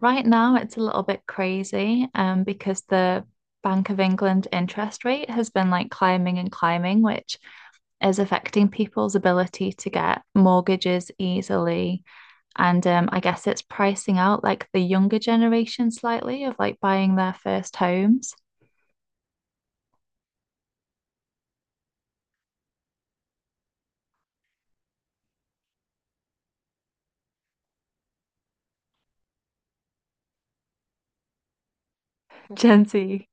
Right now, it's a little bit crazy because the Bank of England interest rate has been like climbing and climbing, which is affecting people's ability to get mortgages easily. And I guess it's pricing out like the younger generation slightly of like buying their first homes. Gen Z.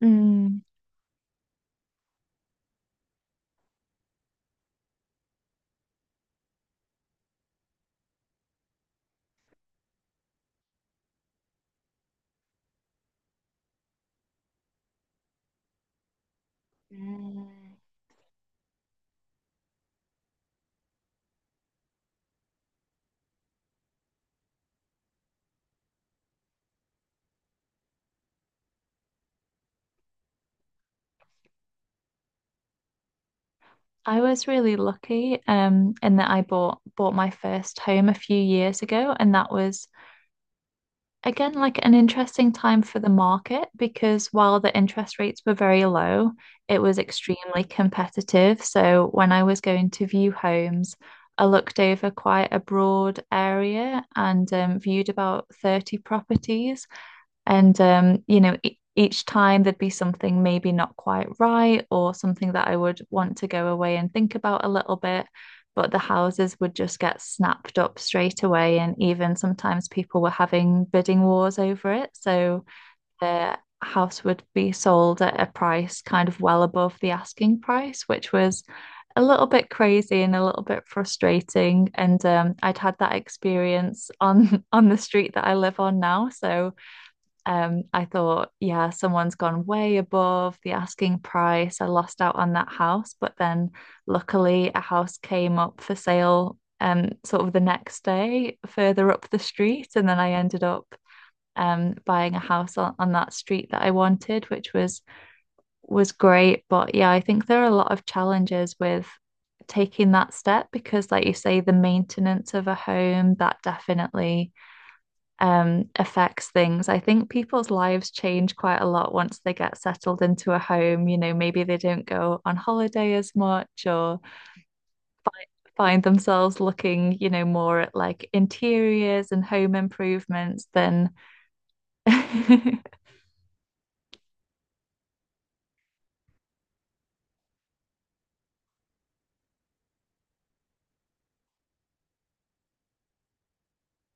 Mm. Mm. I was really lucky in that I bought my first home a few years ago, and that was again, like an interesting time for the market because while the interest rates were very low, it was extremely competitive. So when I was going to view homes, I looked over quite a broad area and viewed about 30 properties. And you know, e each time there'd be something maybe not quite right or something that I would want to go away and think about a little bit. But the houses would just get snapped up straight away. And even sometimes people were having bidding wars over it. So the house would be sold at a price kind of well above the asking price, which was a little bit crazy and a little bit frustrating. And I'd had that experience on on the street that I live on now. So I thought, yeah, someone's gone way above the asking price. I lost out on that house, but then luckily a house came up for sale sort of the next day further up the street, and then I ended up buying a house on that street that I wanted, which was great. But yeah, I think there are a lot of challenges with taking that step because, like you say, the maintenance of a home, that definitely affects things. I think people's lives change quite a lot once they get settled into a home. You know, maybe they don't go on holiday as much or find themselves looking, more at like interiors and home improvements than.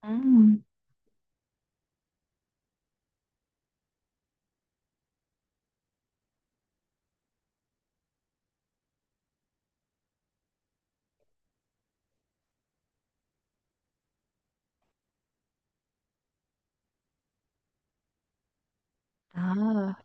Mm. Ah,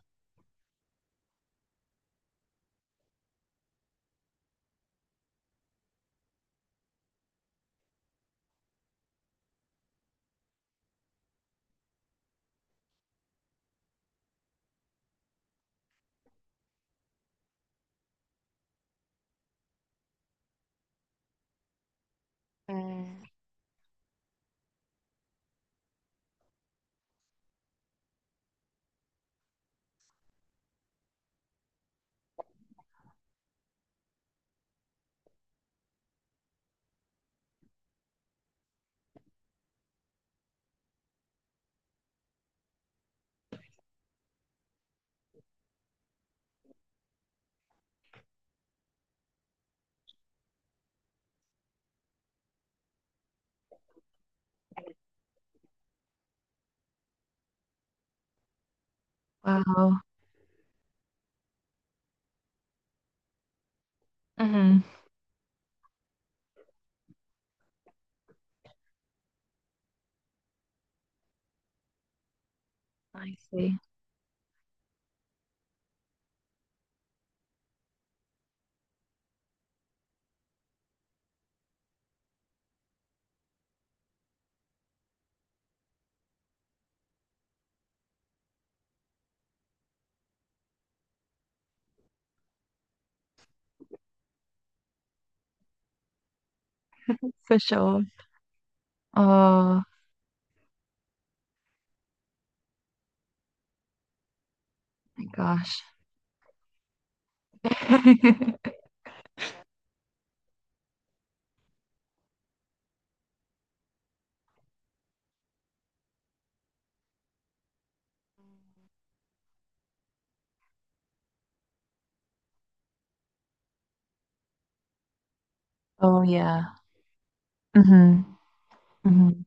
wow. Hmm. I see. For sure. Oh my gosh. Oh yeah. Hmm. Hmm.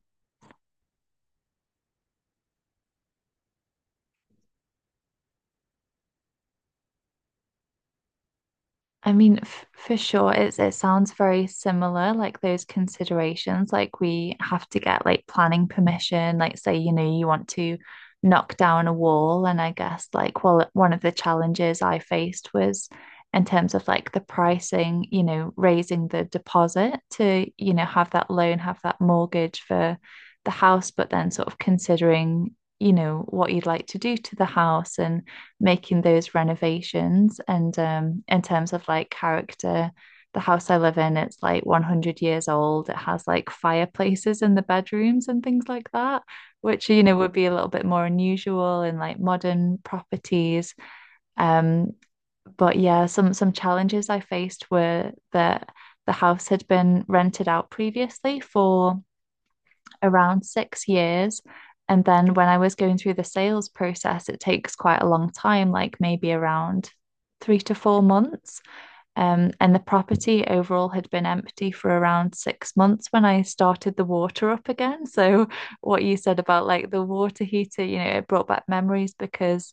I mean, f for sure, it's it sounds very similar, like those considerations. Like we have to get like planning permission, like say, you know, you want to knock down a wall. And I guess like well, one of the challenges I faced was in terms of like the pricing, you know, raising the deposit to, you know, have that loan, have that mortgage for the house, but then sort of considering, you know, what you'd like to do to the house and making those renovations and in terms of like character, the house I live in, it's like 100 years old. It has like fireplaces in the bedrooms and things like that, which you know would be a little bit more unusual in like modern properties. um but yeah, some challenges I faced were that the house had been rented out previously for around 6 years. And then when I was going through the sales process, it takes quite a long time, like maybe around 3 to 4 months. And the property overall had been empty for around 6 months when I started the water up again. So, what you said about like the water heater, you know, it brought back memories because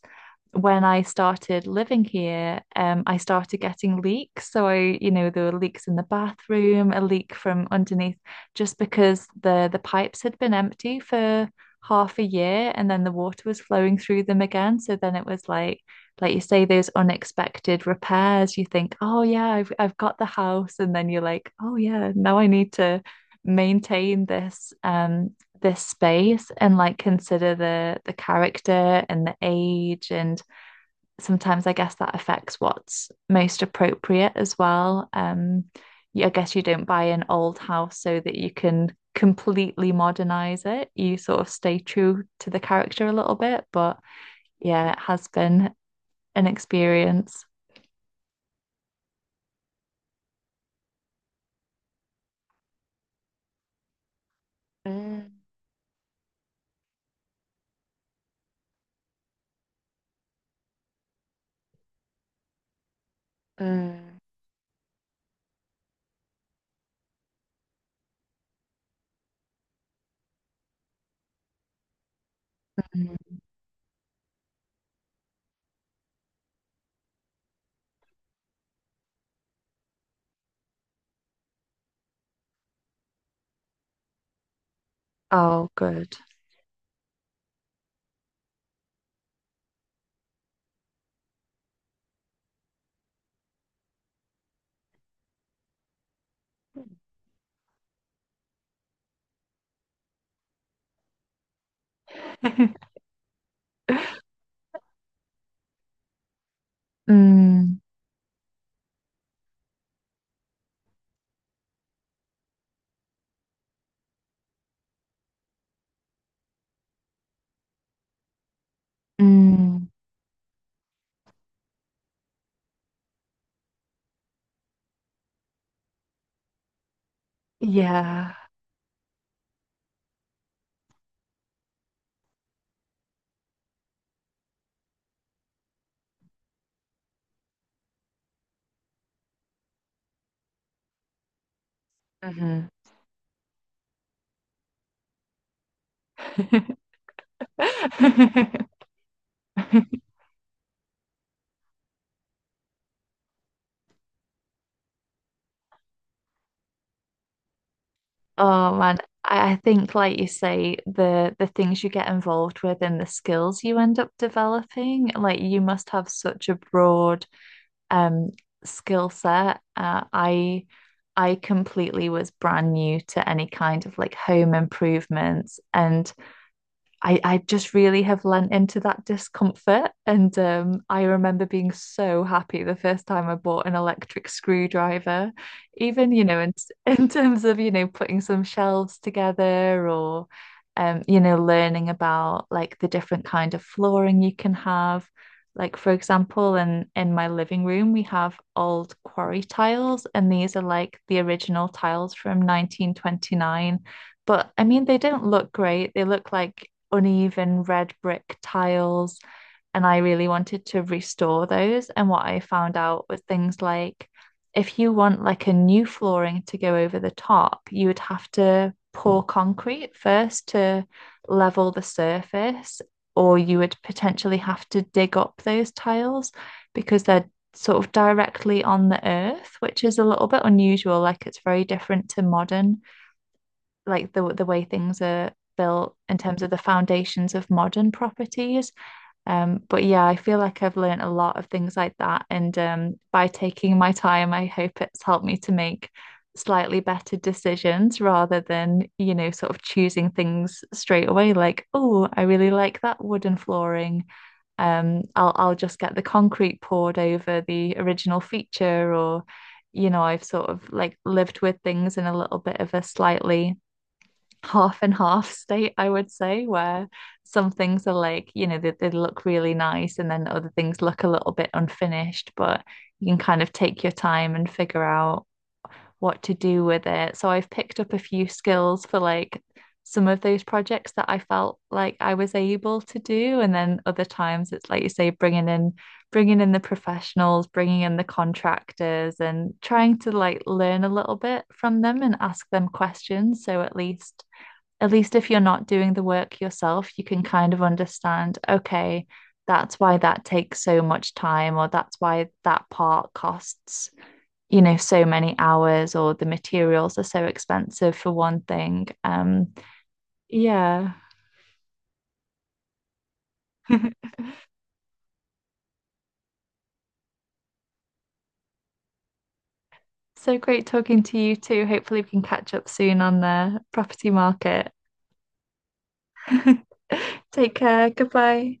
when I started living here, I started getting leaks. So I, you know, there were leaks in the bathroom, a leak from underneath, just because the pipes had been empty for half a year, and then the water was flowing through them again. So then it was like you say, those unexpected repairs. You think, oh yeah, I've got the house, and then you're like, oh yeah, now I need to maintain this this space and like consider the character and the age. And sometimes I guess that affects what's most appropriate as well. I guess you don't buy an old house so that you can completely modernize it. You sort of stay true to the character a little bit, but yeah, it has been an experience. Mm, mm. Mm. Oh, good. Mm, mm, yeah. Hmm. Oh man, I think like you say, the things you get involved with and the skills you end up developing, like you must have such a broad um skill set. I completely was brand new to any kind of like home improvements. And I just really have lent into that discomfort. And I remember being so happy the first time I bought an electric screwdriver, even, in terms of, you know, putting some shelves together, or, you know, learning about like the different kind of flooring you can have. Like, for example, in my living room, we have old quarry tiles, and these are like the original tiles from 1929. But I mean, they don't look great. They look like uneven red brick tiles, and I really wanted to restore those. And what I found out was things like if you want like a new flooring to go over the top, you would have to pour concrete first to level the surface, or you would potentially have to dig up those tiles because they're sort of directly on the earth, which is a little bit unusual. Like it's very different to modern, like the way things are built in terms of the foundations of modern properties. But yeah, I feel like I've learned a lot of things like that, and by taking my time, I hope it's helped me to make slightly better decisions rather than you know sort of choosing things straight away like oh I really like that wooden flooring I'll just get the concrete poured over the original feature or you know I've sort of like lived with things in a little bit of a slightly half and half state, I would say, where some things are like, you know, they look really nice and then other things look a little bit unfinished, but you can kind of take your time and figure out what to do with it. So I've picked up a few skills for like some of those projects that I felt like I was able to do. And then other times it's like you say, bringing in the professionals, bringing in the contractors and trying to like learn a little bit from them and ask them questions. So at least if you're not doing the work yourself, you can kind of understand, okay, that's why that takes so much time, or that's why that part costs, you know, so many hours, or the materials are so expensive for one thing. Yeah. So great talking to you too. Hopefully, we can catch up soon on the property market. Take care. Goodbye.